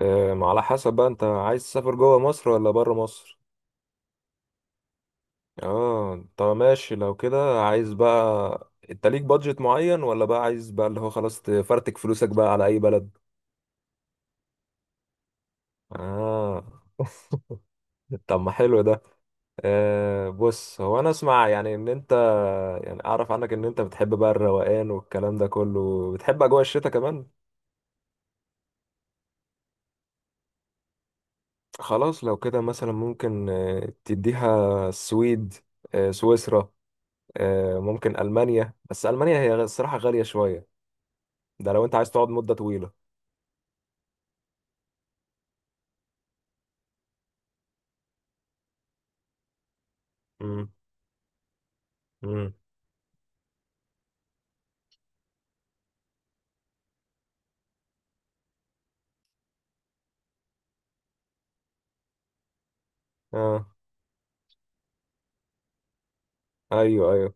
على حسب بقى انت عايز تسافر جوه مصر ولا بره مصر؟ اه طب ماشي لو كده، عايز بقى انت ليك بادجت معين ولا بقى عايز بقى اللي هو خلاص تفرتك فلوسك بقى على اي بلد؟ اه طب ما حلو ده. آه بص، هو انا اسمع يعني ان انت، يعني اعرف عنك ان انت بتحب بقى الروقان والكلام ده كله، بتحب اجواء الشتاء كمان. خلاص لو كده مثلا ممكن تديها السويد، سويسرا، ممكن ألمانيا، بس ألمانيا هي الصراحة غالية شوية، ده لو أنت عايز تقعد مدة طويلة. امم امم. اه ايوه ايوه.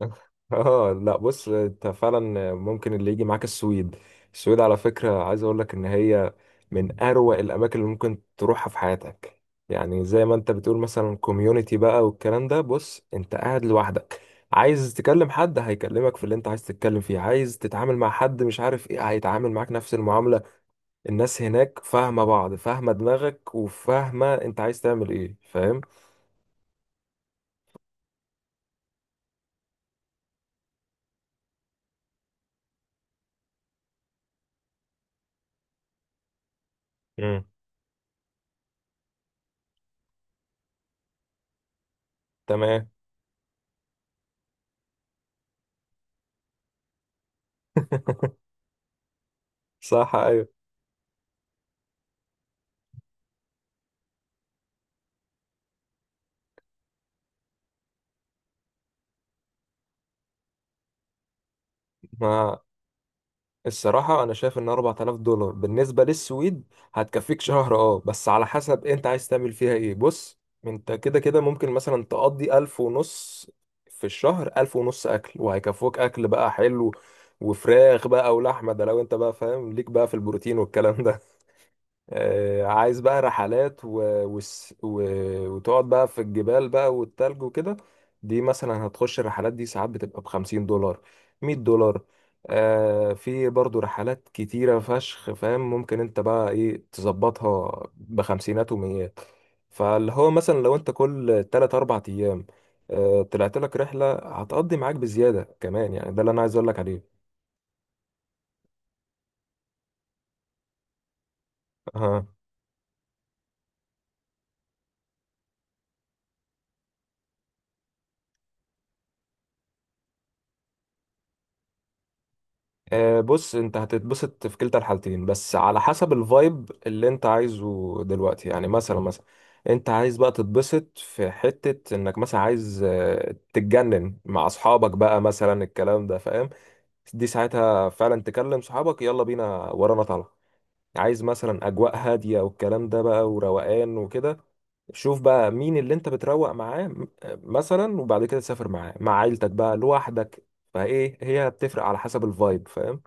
اه لا بص، انت فعلا ممكن اللي يجي معاك السويد. السويد على فكرة عايز اقول لك ان هي من اروع الاماكن اللي ممكن تروحها في حياتك. يعني زي ما انت بتقول مثلا كوميونتي بقى والكلام ده، بص انت قاعد لوحدك، عايز تكلم حد هيكلمك في اللي انت عايز تتكلم فيه، عايز تتعامل مع حد مش عارف ايه هيتعامل معاك نفس المعاملة. الناس هناك فاهمة بعض، فاهمة دماغك، وفاهمة انت عايز تعمل ايه، فاهم؟ امم، تمام. صح ايوه. ما الصراحة انا شايف ان 4000 دولار بالنسبة للسويد هتكفيك شهر، اه بس على حسب انت عايز تعمل فيها ايه. بص انت كده كده ممكن مثلا تقضي ألف ونص في الشهر، ألف ونص اكل وهيكفوك اكل بقى حلو وفراخ بقى ولحمة، ده لو انت بقى فاهم ليك بقى في البروتين والكلام. عايز بقى رحلات وتقعد بقى في الجبال بقى والتلج وكده، دي مثلا هتخش الرحلات دي ساعات بتبقى بخمسين دولار، مية دولار. آه في برضو رحلات كتيرة فشخ، فاهم؟ ممكن انت بقى ايه تظبطها بخمسينات وميات. فاللي هو مثلا لو انت كل تلات أربع أيام طلعت لك رحلة هتقضي معاك بزيادة كمان، يعني ده اللي أنا عايز أقول لك عليه. بص انت هتتبسط في كلتا الحالتين، بس على حسب الفايب اللي انت عايزه دلوقتي. يعني مثلا انت عايز بقى تتبسط في حتة انك مثلا عايز تتجنن مع اصحابك بقى مثلا، الكلام ده فاهم؟ دي ساعتها فعلا تكلم صحابك يلا بينا ورانا طالعة. عايز مثلا اجواء هادية والكلام ده بقى وروقان وكده، شوف بقى مين اللي انت بتروق معاه مثلا، وبعد كده تسافر معاه مع عيلتك بقى لوحدك. فايه هي بتفرق على حسب الفايب، فاهم؟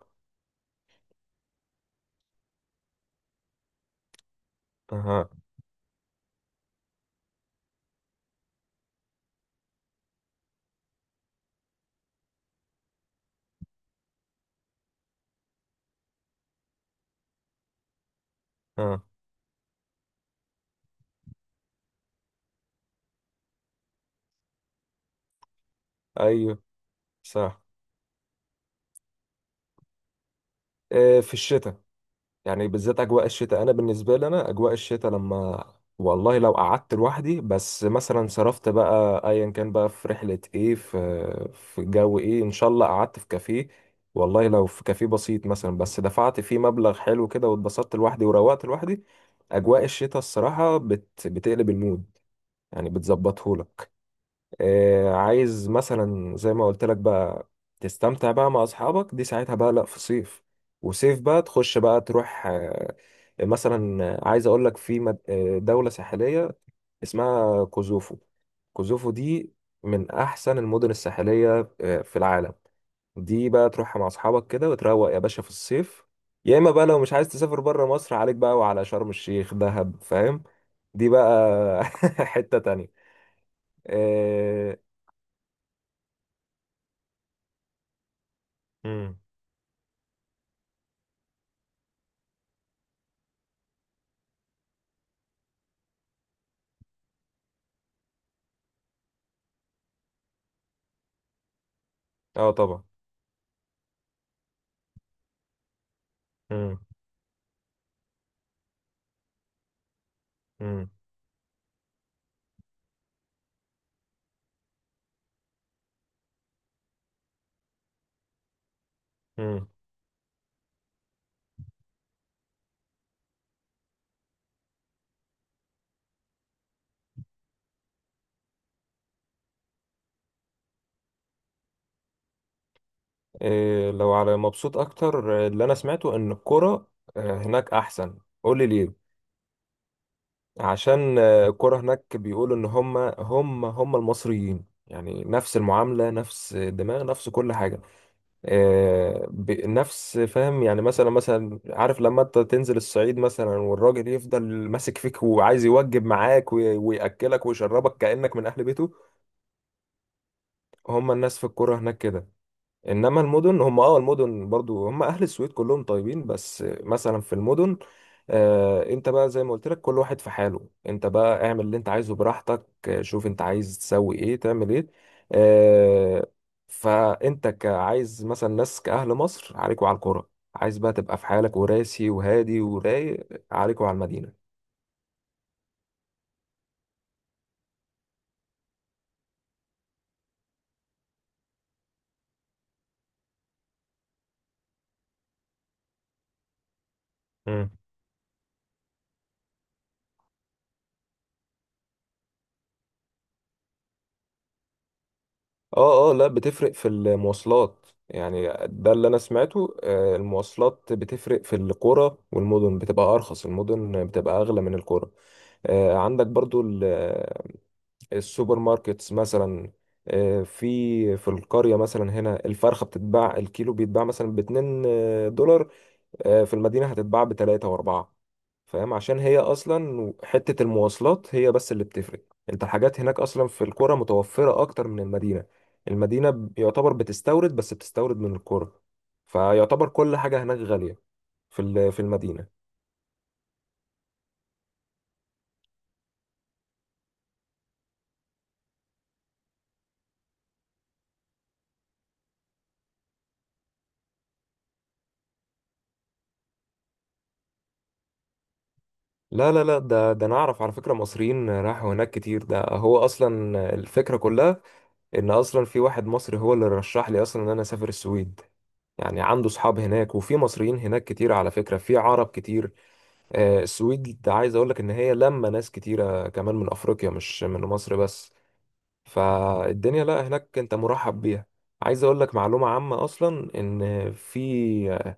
اه ايوه صح. في الشتاء يعني، بالذات اجواء الشتاء، انا بالنسبه لي انا اجواء الشتاء لما، والله لو قعدت لوحدي بس مثلا صرفت بقى ايا كان بقى في رحله ايه، في في جو ايه، ان شاء الله قعدت في كافيه، والله لو في كافيه بسيط مثلا بس دفعت فيه مبلغ حلو كده واتبسطت لوحدي وروقت لوحدي، اجواء الشتاء الصراحه بت بتقلب المود، يعني بتظبطهولك. عايز مثلا زي ما قلت لك بقى تستمتع بقى مع اصحابك، دي ساعتها بقى. لا في صيف، وصيف بقى تخش بقى تروح، مثلا عايز اقول لك في دولة ساحلية اسمها كوزوفو. كوزوفو دي من احسن المدن الساحلية في العالم. دي بقى تروحها مع اصحابك كده وتروق يا باشا في الصيف. يا اما بقى لو مش عايز تسافر بره مصر، عليك بقى وعلى شرم الشيخ، دهب، فاهم؟ دي بقى حتة تانية. آه، مم. اه طبعا. امم امم امم إيه لو على مبسوط اكتر، اللي انا سمعته ان الكرة هناك احسن. قول لي ليه؟ عشان الكرة هناك بيقولوا ان هم المصريين، يعني نفس المعاملة، نفس الدماغ، نفس كل حاجة، نفس، فاهم؟ يعني مثلا عارف لما انت تنزل الصعيد مثلا، والراجل يفضل ماسك فيك وعايز يوجب معاك ويأكلك ويشربك كأنك من أهل بيته، هم الناس في الكرة هناك كده. انما المدن، هم اه المدن برضو هم اهل السويد كلهم طيبين، بس مثلا في المدن انت بقى زي ما قلت لك كل واحد في حاله، انت بقى اعمل اللي انت عايزه براحتك، شوف انت عايز تسوي ايه، تعمل ايه، آه فانت كعايز مثلا ناس كاهل مصر، عليكوا على القرى. عايز بقى تبقى في حالك وراسي وهادي ورايق، عليكوا على المدينة. اه لا بتفرق في المواصلات، يعني ده اللي انا سمعته. المواصلات بتفرق في القرى والمدن، بتبقى ارخص، المدن بتبقى اغلى من القرى. عندك برضو السوبر ماركتس مثلا، في في القرية مثلا هنا الفرخة بتتباع، الكيلو بيتباع مثلا باتنين دولار، في المدينة هتتباع بتلاتة وأربعة، فاهم؟ عشان هي أصلا حتة المواصلات هي بس اللي بتفرق. أنت الحاجات هناك أصلا في القرى متوفرة أكتر من المدينة، المدينة يعتبر بتستورد، بس بتستورد من القرى، فيعتبر كل حاجة هناك غالية في في المدينة. لا، ده أنا أعرف على فكرة، مصريين راحوا هناك كتير، ده هو أصلا الفكرة كلها، إن أصلا في واحد مصري هو اللي رشح لي أصلا إن أنا أسافر السويد. يعني عنده صحاب هناك، وفي مصريين هناك كتير على فكرة، في عرب كتير. السويد عايز اقول لك ان هي لما ناس كتيره كمان من افريقيا، مش من مصر بس، فالدنيا لا هناك انت مرحب بيها. عايز اقول لك معلومه عامه اصلا ان في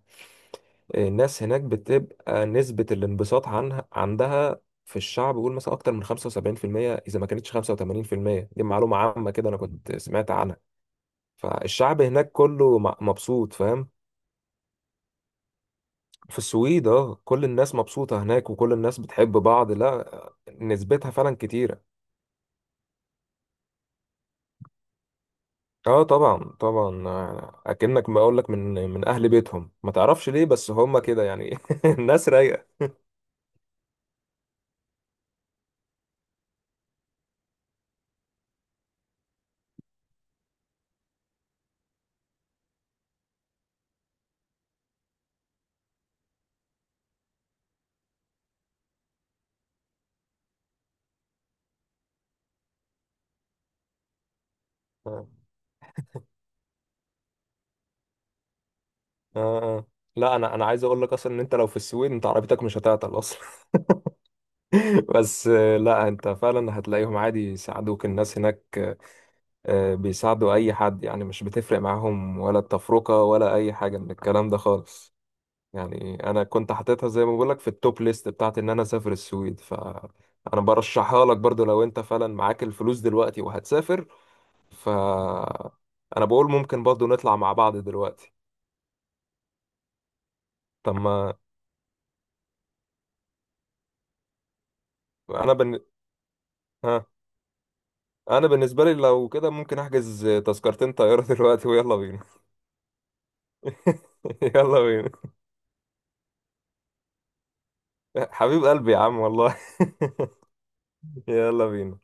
الناس هناك بتبقى نسبه الانبساط عنها عندها في الشعب، بيقول مثلا اكتر من 75%، اذا ما كانتش 85%. دي معلومه عامه كده انا كنت سمعت عنها. فالشعب هناك كله مبسوط، فاهم؟ في السويد اه كل الناس مبسوطة هناك وكل الناس بتحب بعض، لا، نسبتها فعلا كتيرة. اه طبعا طبعا، اكنك ما اقول لك من اهل بيتهم، ما تعرفش ليه بس هم كده يعني، الناس رايقة. اه اه آه. لا انا عايز اقول لك اصلا ان انت لو في السويد انت عربيتك مش هتعطل اصلا. بس لا انت فعلا هتلاقيهم عادي يساعدوك، الناس هناك بيساعدوا اي حد، يعني مش بتفرق معاهم ولا التفرقة ولا اي حاجة من الكلام ده خالص. يعني انا كنت حاططها زي ما بقول لك في التوب ليست بتاعت ان انا اسافر السويد، ف انا برشحها لك برضو لو انت فعلا معاك الفلوس دلوقتي وهتسافر، ف انا بقول ممكن برضو نطلع مع بعض دلوقتي. طب ما انا بن... ها، انا بالنسبه لي لو كده ممكن احجز تذكرتين طياره دلوقتي ويلا بينا. يلا بينا، حبيب قلبي يا عم والله. يلا بينا.